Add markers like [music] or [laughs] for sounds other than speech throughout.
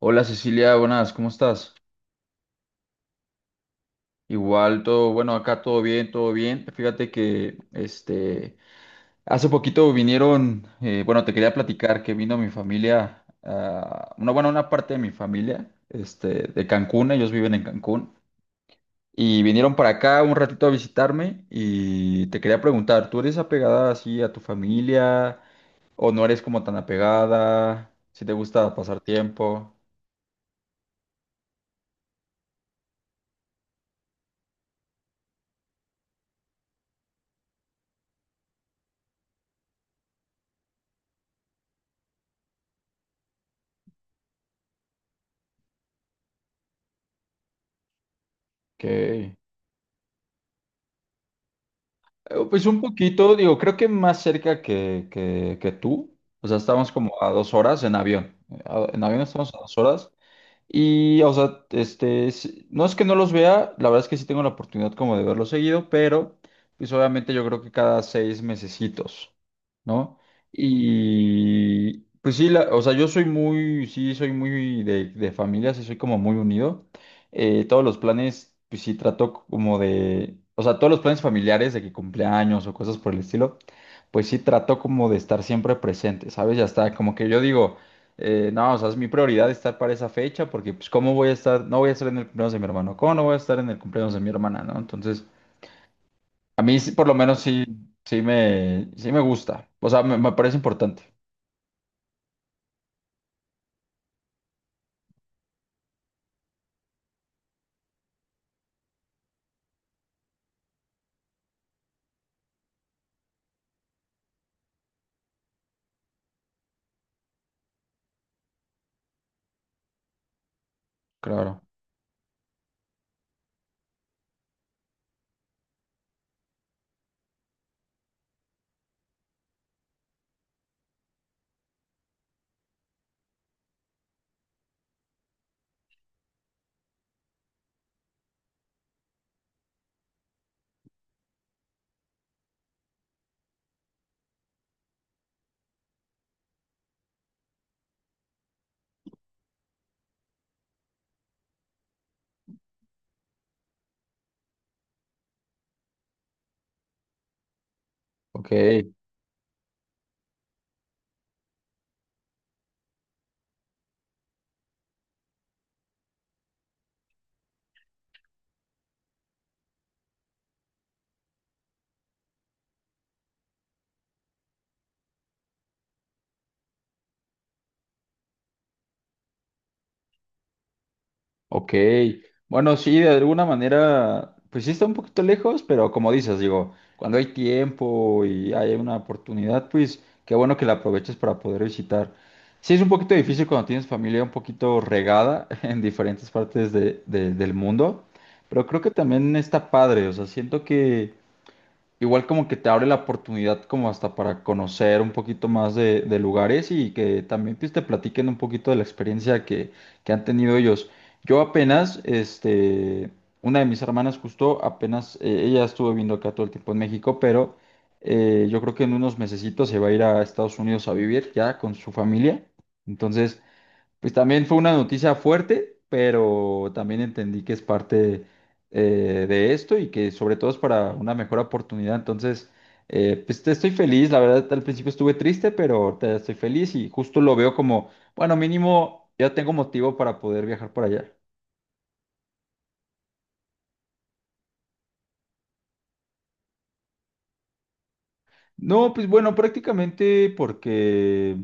Hola Cecilia, buenas, ¿cómo estás? Igual todo, bueno, acá todo bien, todo bien. Fíjate que hace poquito vinieron, bueno, te quería platicar que vino mi familia, ah, bueno, una parte de mi familia, de Cancún, ellos viven en Cancún, y vinieron para acá un ratito a visitarme y te quería preguntar, ¿tú eres apegada así a tu familia o no eres como tan apegada? ¿Si te gusta pasar tiempo? Ok. Pues un poquito, digo, creo que más cerca que tú. O sea, estamos como a 2 horas en avión. En avión estamos a 2 horas. Y, o sea, no es que no los vea, la verdad es que sí tengo la oportunidad como de verlos seguido, pero pues obviamente yo creo que cada 6 mesecitos, ¿no? Y pues sí, o sea, yo soy muy, sí, soy muy de familia, sí soy como muy unido. Todos los planes, pues sí trato como de, o sea, todos los planes familiares de que cumpleaños o cosas por el estilo, pues sí trato como de estar siempre presente, ¿sabes? Ya está, como que yo digo. No, o sea, es mi prioridad estar para esa fecha porque, pues, ¿cómo voy a estar? No voy a estar en el cumpleaños de mi hermano. ¿Cómo no voy a estar en el cumpleaños de mi hermana, no? Entonces, a mí sí, por lo menos sí, sí me gusta. O sea, me parece importante. Claro. Ok. Ok, bueno, sí, de alguna manera, pues sí está un poquito lejos, pero como dices, digo, cuando hay tiempo y hay una oportunidad, pues qué bueno que la aproveches para poder visitar. Sí, es un poquito difícil cuando tienes familia un poquito regada [laughs] en diferentes partes del mundo, pero creo que también está padre, o sea, siento que igual como que te abre la oportunidad como hasta para conocer un poquito más de lugares y que también pues, te platiquen un poquito de la experiencia que han tenido ellos. Yo apenas, una de mis hermanas justo, apenas, ella estuvo viviendo acá todo el tiempo en México, pero yo creo que en unos mesecitos se va a ir a Estados Unidos a vivir ya con su familia. Entonces, pues también fue una noticia fuerte, pero también entendí que es parte de esto y que sobre todo es para una mejor oportunidad. Entonces, pues te estoy feliz. La verdad, al principio estuve triste, pero ahorita ya estoy feliz y justo lo veo como, bueno, mínimo ya tengo motivo para poder viajar por allá. No, pues bueno, prácticamente porque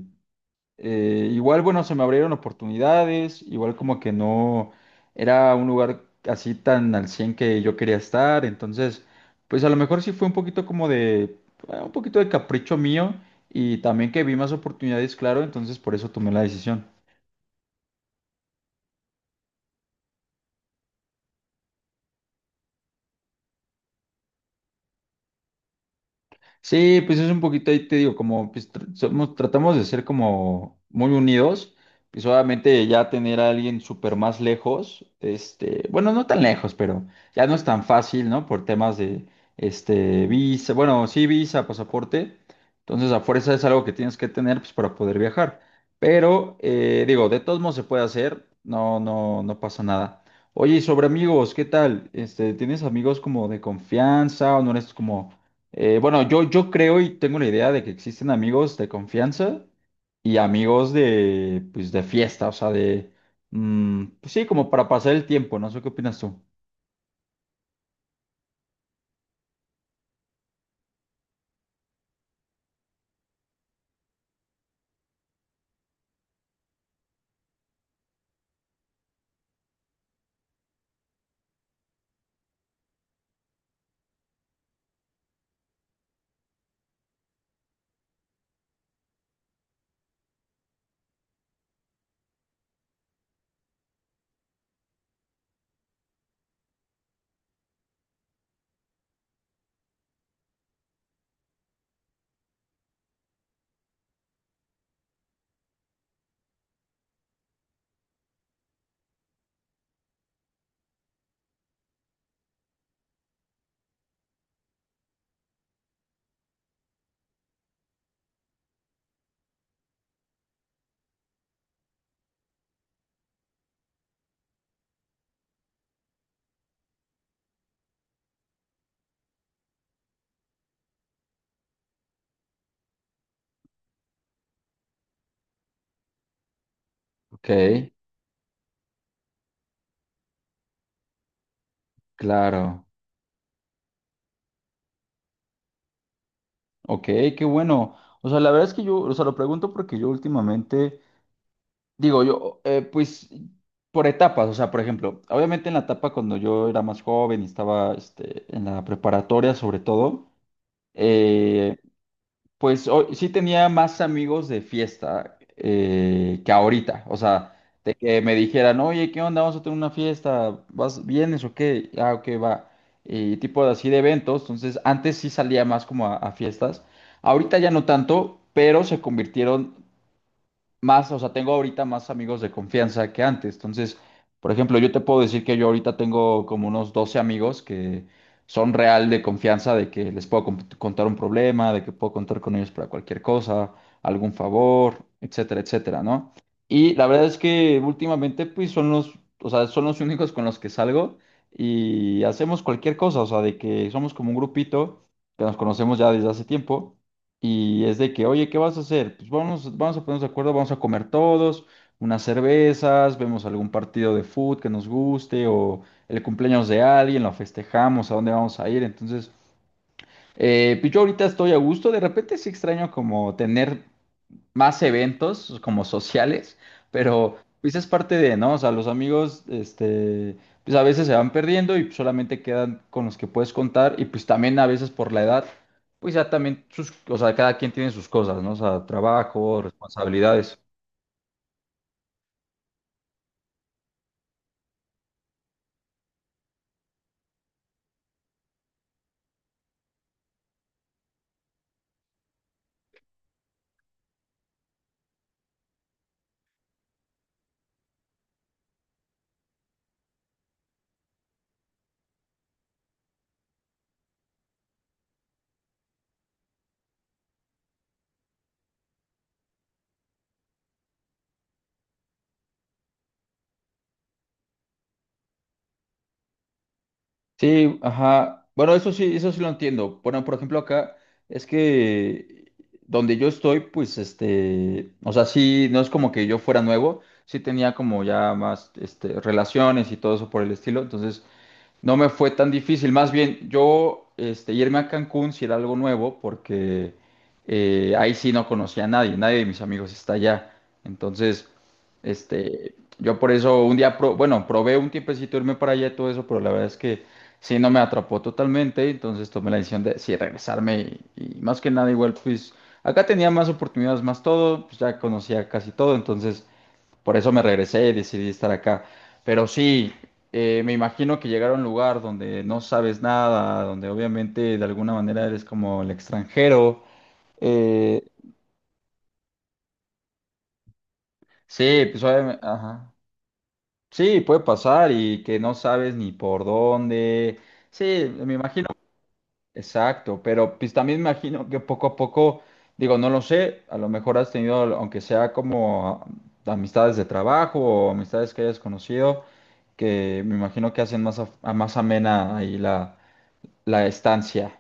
Igual, bueno, se me abrieron oportunidades, igual como que no era un lugar así tan al 100 que yo quería estar, entonces, pues a lo mejor sí fue un poquito como de, un poquito de capricho mío y también que vi más oportunidades, claro, entonces por eso tomé la decisión. Sí, pues es un poquito ahí, te digo, como pues, tratamos de ser como muy unidos, pues obviamente ya tener a alguien súper más lejos, bueno, no tan lejos, pero ya no es tan fácil, ¿no? Por temas de, visa, bueno, sí, visa, pasaporte, entonces a fuerza es algo que tienes que tener, pues, para poder viajar, pero, digo, de todos modos se puede hacer, no, no, no pasa nada. Oye, y sobre amigos, ¿qué tal? ¿Tienes amigos como de confianza o no eres como bueno, yo creo y tengo la idea de que existen amigos de confianza y amigos pues, de fiesta, o sea, de, pues sí, como para pasar el tiempo, no sé qué opinas tú? Ok, claro. Ok, qué bueno. O sea, la verdad es que yo, o sea, lo pregunto porque yo últimamente, digo, yo, pues, por etapas, o sea, por ejemplo, obviamente en la etapa cuando yo era más joven y estaba, en la preparatoria sobre todo, eh, Pues hoy sí tenía más amigos de fiesta, que ahorita. O sea, de que me dijeran, oye, ¿qué onda? Vamos a tener una fiesta. ¿Vas, vienes o qué? Ah, ok, va. Y tipo así de eventos. Entonces, antes sí salía más como a fiestas. Ahorita ya no tanto, pero se convirtieron más, o sea, tengo ahorita más amigos de confianza que antes. Entonces, por ejemplo, yo te puedo decir que yo ahorita tengo como unos 12 amigos que son real de confianza, de que les puedo contar un problema, de que puedo contar con ellos para cualquier cosa, algún favor, etcétera, etcétera, ¿no? Y la verdad es que últimamente, pues, o sea, son los [laughs] únicos con los que salgo y hacemos cualquier cosa, o sea, de que somos como un grupito que nos conocemos ya desde hace tiempo. Y es de que, oye, ¿qué vas a hacer? Pues vamos, vamos a ponernos de acuerdo, vamos a comer todos, unas cervezas, vemos algún partido de fútbol que nos guste o el cumpleaños de alguien, lo festejamos, a dónde vamos a ir. Entonces, pues yo ahorita estoy a gusto, de repente sí extraño como tener más eventos como sociales, pero pues es parte de, ¿no? O sea, los amigos, pues a veces se van perdiendo y solamente quedan con los que puedes contar y pues también a veces por la edad, pues ya también sus, o sea, cada quien tiene sus cosas, ¿no? O sea, trabajo, responsabilidades. Sí, ajá. Bueno, eso sí lo entiendo. Bueno, por ejemplo, acá es que donde yo estoy, pues o sea, sí, no es como que yo fuera nuevo, sí tenía como ya más relaciones y todo eso por el estilo. Entonces, no me fue tan difícil, más bien yo irme a Cancún si era algo nuevo, porque ahí sí no conocía a nadie, nadie de mis amigos está allá. Entonces, yo por eso un día, bueno, probé un tiempecito irme para allá y todo eso, pero la verdad es que sí no me atrapó totalmente, entonces tomé la decisión de sí regresarme y más que nada igual, pues acá tenía más oportunidades, más todo, pues ya conocía casi todo, entonces por eso me regresé y decidí estar acá. Pero sí, me imagino que llegar a un lugar donde no sabes nada, donde obviamente de alguna manera eres como el extranjero. eh, sí, pues obviamente, ajá. Sí, puede pasar y que no sabes ni por dónde. Sí, me imagino. Exacto, pero pues también me imagino que poco a poco, digo, no lo sé, a lo mejor has tenido, aunque sea como ah, amistades de trabajo o amistades que hayas conocido, que me imagino que hacen más, más amena ahí la estancia.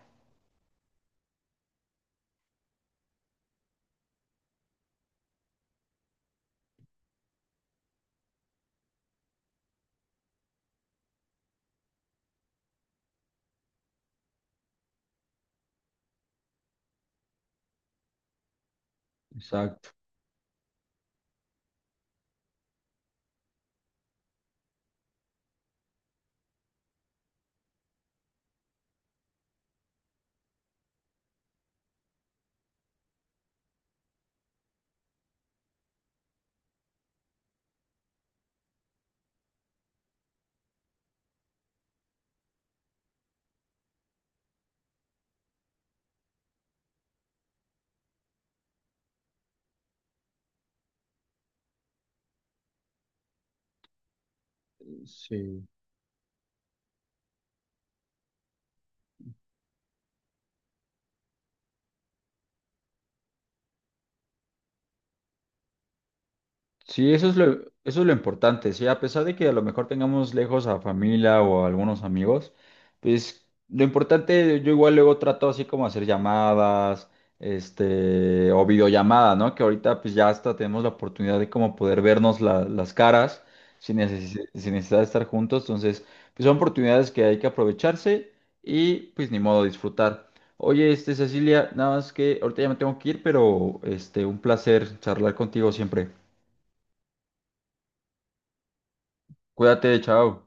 Exacto. Sí. Sí, eso es lo importante, sí, a pesar de que a lo mejor tengamos lejos a familia o a algunos amigos, pues lo importante, yo igual luego trato así como hacer llamadas, o videollamada, ¿no? Que ahorita pues ya hasta tenemos la oportunidad de como poder vernos las caras sin necesidad de estar juntos, entonces pues son oportunidades que hay que aprovecharse y pues ni modo disfrutar. Oye, Cecilia, nada más que ahorita ya me tengo que ir, pero un placer charlar contigo siempre. Cuídate, chao.